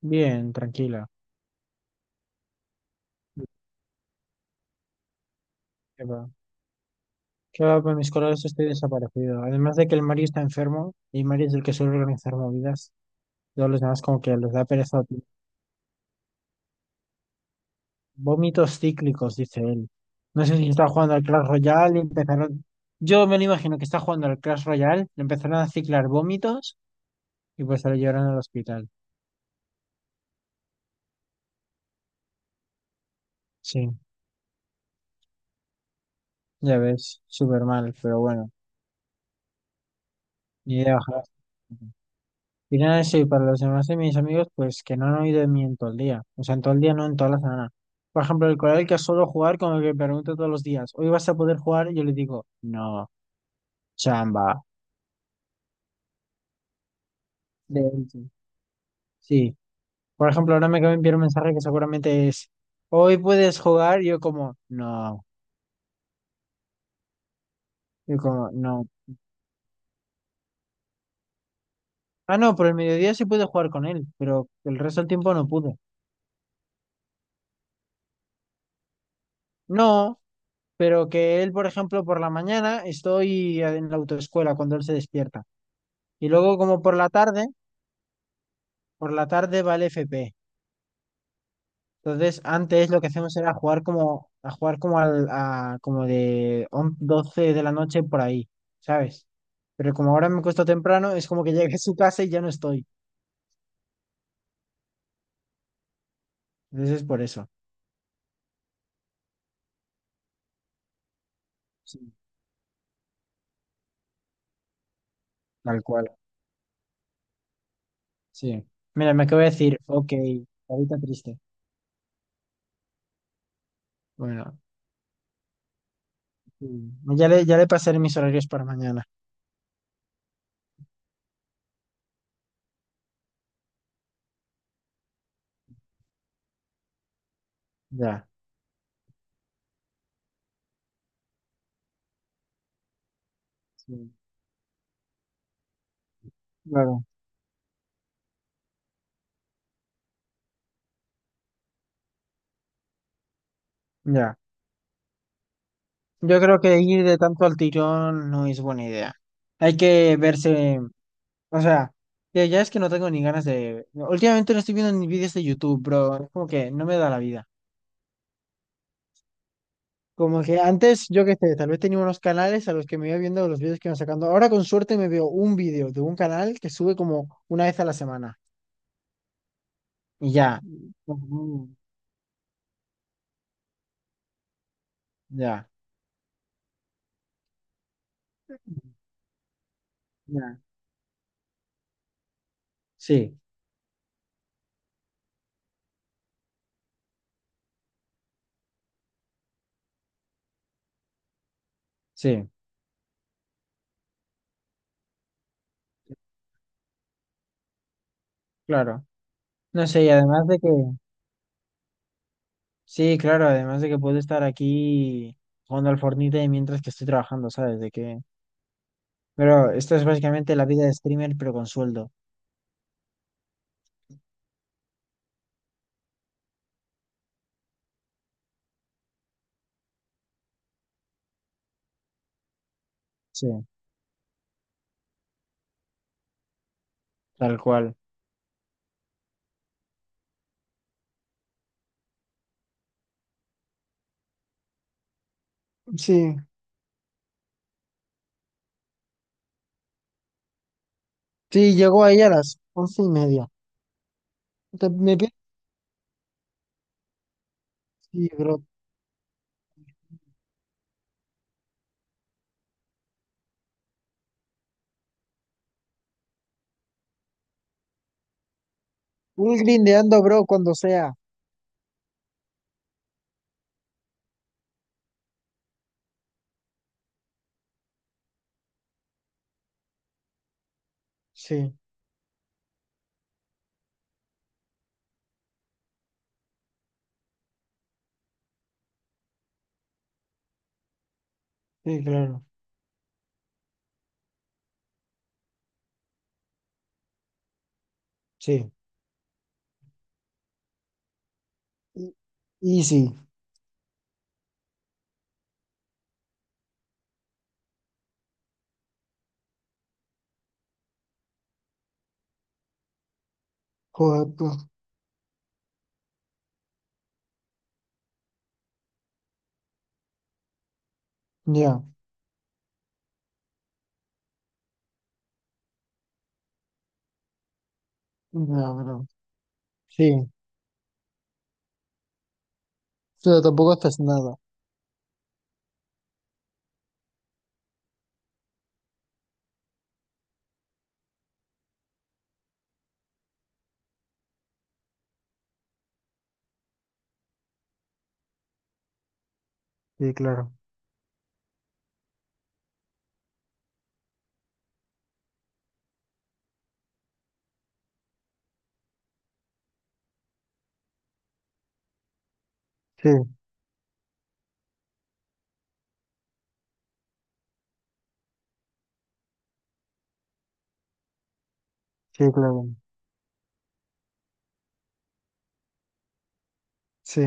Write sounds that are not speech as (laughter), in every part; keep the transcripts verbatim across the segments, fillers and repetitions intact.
Bien, tranquila. ¿Qué va? ¿Qué va? Con mis colores estoy desaparecido. Además de que el Mario está enfermo y Mario es el que suele organizar movidas, todos los demás como que les da pereza. Vómitos cíclicos, dice él. No sé si está jugando al Clash Royale y empezaron... Yo me lo imagino que está jugando al Clash Royale, le empezaron a ciclar vómitos y pues se lo llevaron al hospital. Sí, ya ves, súper mal, pero bueno, ni idea, ojalá. Y nada, sí, para los demás de mis amigos, pues que no han oído de mí en todo el día. O sea, en todo el día, no en toda la semana. Por ejemplo, el colega que suelo jugar, como que me pregunta todos los días, ¿hoy vas a poder jugar? Y yo le digo, no, chamba. De hecho, sí. Por ejemplo, ahora me acaba de enviar un mensaje que seguramente es, ¿hoy puedes jugar? Y yo como, no. Yo como, no. Ah, no, por el mediodía sí pude jugar con él, pero el resto del tiempo no pude. No, pero que él, por ejemplo, por la mañana estoy en la autoescuela cuando él se despierta. Y luego como por la tarde, por la tarde va el F P. Entonces antes lo que hacemos era jugar como, a jugar como al, a, como de on- doce de la noche por ahí, ¿sabes? Pero como ahora me cuesta temprano, es como que (laughs) llegué a su casa y ya no estoy. Entonces es por eso. Sí, tal cual. Sí. Mira, me acabo de decir, ok, ahorita triste. Bueno, sí. ya le, ya le pasaré mis horarios para mañana. Ya. Sí. Claro. Ya. Yo creo que ir de tanto al tirón no es buena idea. Hay que verse, o sea, ya, ya es que no tengo ni ganas de... Últimamente no estoy viendo ni vídeos de YouTube, bro. Es como que no me da la vida. Como que antes, yo qué sé, tal vez tenía unos canales a los que me iba viendo los vídeos que iban sacando. Ahora con suerte me veo un vídeo de un canal que sube como una vez a la semana. Y ya. Ujú. Ya. Ya. Sí, sí, claro. No sé, y además de que... Sí, claro, además de que puedo estar aquí jugando al Fortnite mientras que estoy trabajando, ¿sabes? De que... Pero esto es básicamente la vida de streamer, pero con sueldo. Sí, tal cual. Sí, sí, llegó ahí a las once y media. Te- me pi- sí, bro. Un grindeando, bro, cuando sea. Sí, sí, claro. Sí, Y- easy. Joder, pues, ya, ya, bro. Sí, pero tampoco estás nada. Sí, claro. Sí, sí, claro. Sí.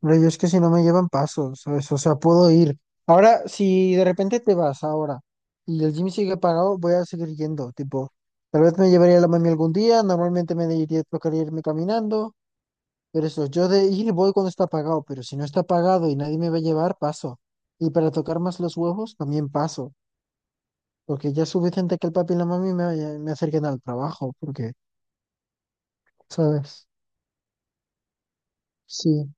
Pero yo es que si no me llevan pasos, ¿sabes? O sea, puedo ir. Ahora, si de repente te vas ahora y el gym sigue pagado, voy a seguir yendo. Tipo, tal vez me llevaría la mami algún día, normalmente me diría, tocaría irme caminando, pero eso, yo de ir voy cuando está pagado, pero si no está pagado y nadie me va a llevar, paso. Y para tocar más los huevos, también paso, porque ya es suficiente que el papi y la mami me, vaya- me acerquen al trabajo, porque, ¿sabes? Sí.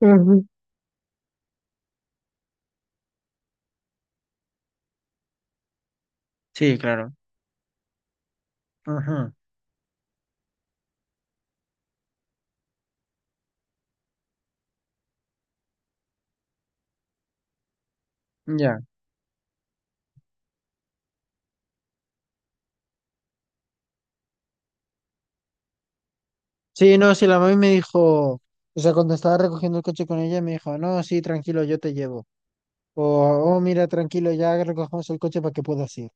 Ujú. Sí, claro. Ajá. Ya. Sí, no, sí, la mami me dijo, o sea, cuando estaba recogiendo el coche con ella, me dijo, no, sí, tranquilo, yo te llevo. O, oh, mira, tranquilo, ya recogemos el coche para que puedas ir,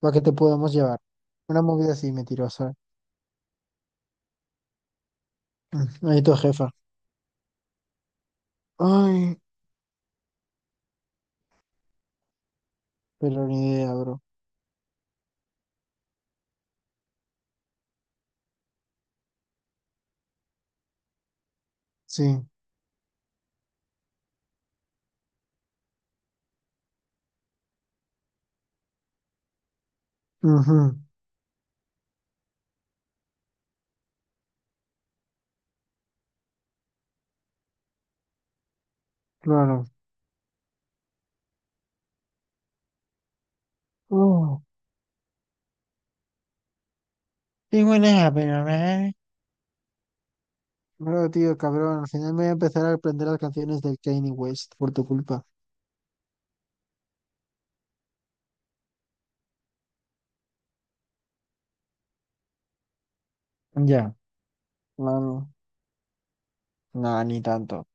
para que te podamos llevar. Una movida así mentirosa. Mm, ahí tu jefa. Ay, pero ni idea, bro. Sí, ujú, claro. Uh, qué buena, pero, ¿eh? Bro, tío, cabrón, al final me voy a empezar a aprender las canciones del Kanye West por tu culpa. Ya. Claro. No, ni tanto.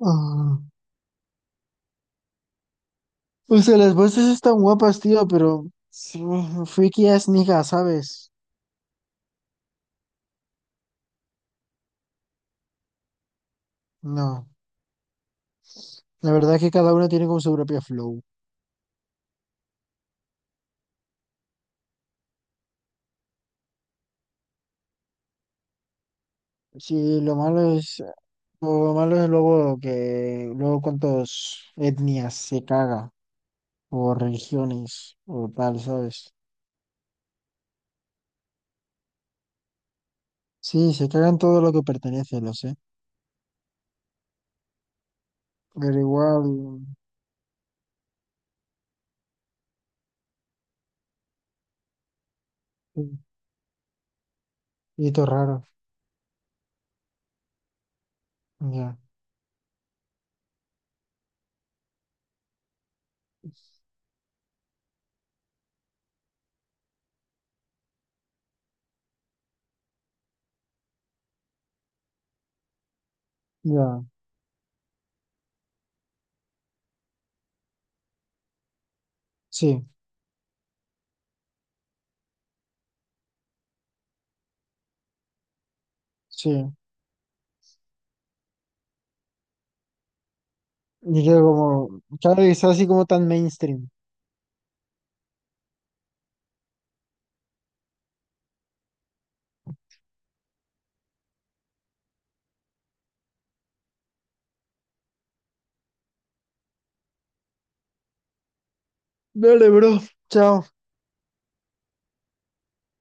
Ah. O sea, las voces están guapas, tío, pero sí, friki es niga, ¿sabes? No, la verdad es que cada una tiene como su propio flow. Sí, lo malo es, lo malo es luego que luego cuántas etnias se caga, o religiones, o tal, ¿sabes? Sí, se cagan todo lo que pertenece, lo sé. Pero igual, sí, y todo raro, ya. Ya, sí, sí. Y yo como, claro, y está así como tan mainstream. Dale, bro. Chao.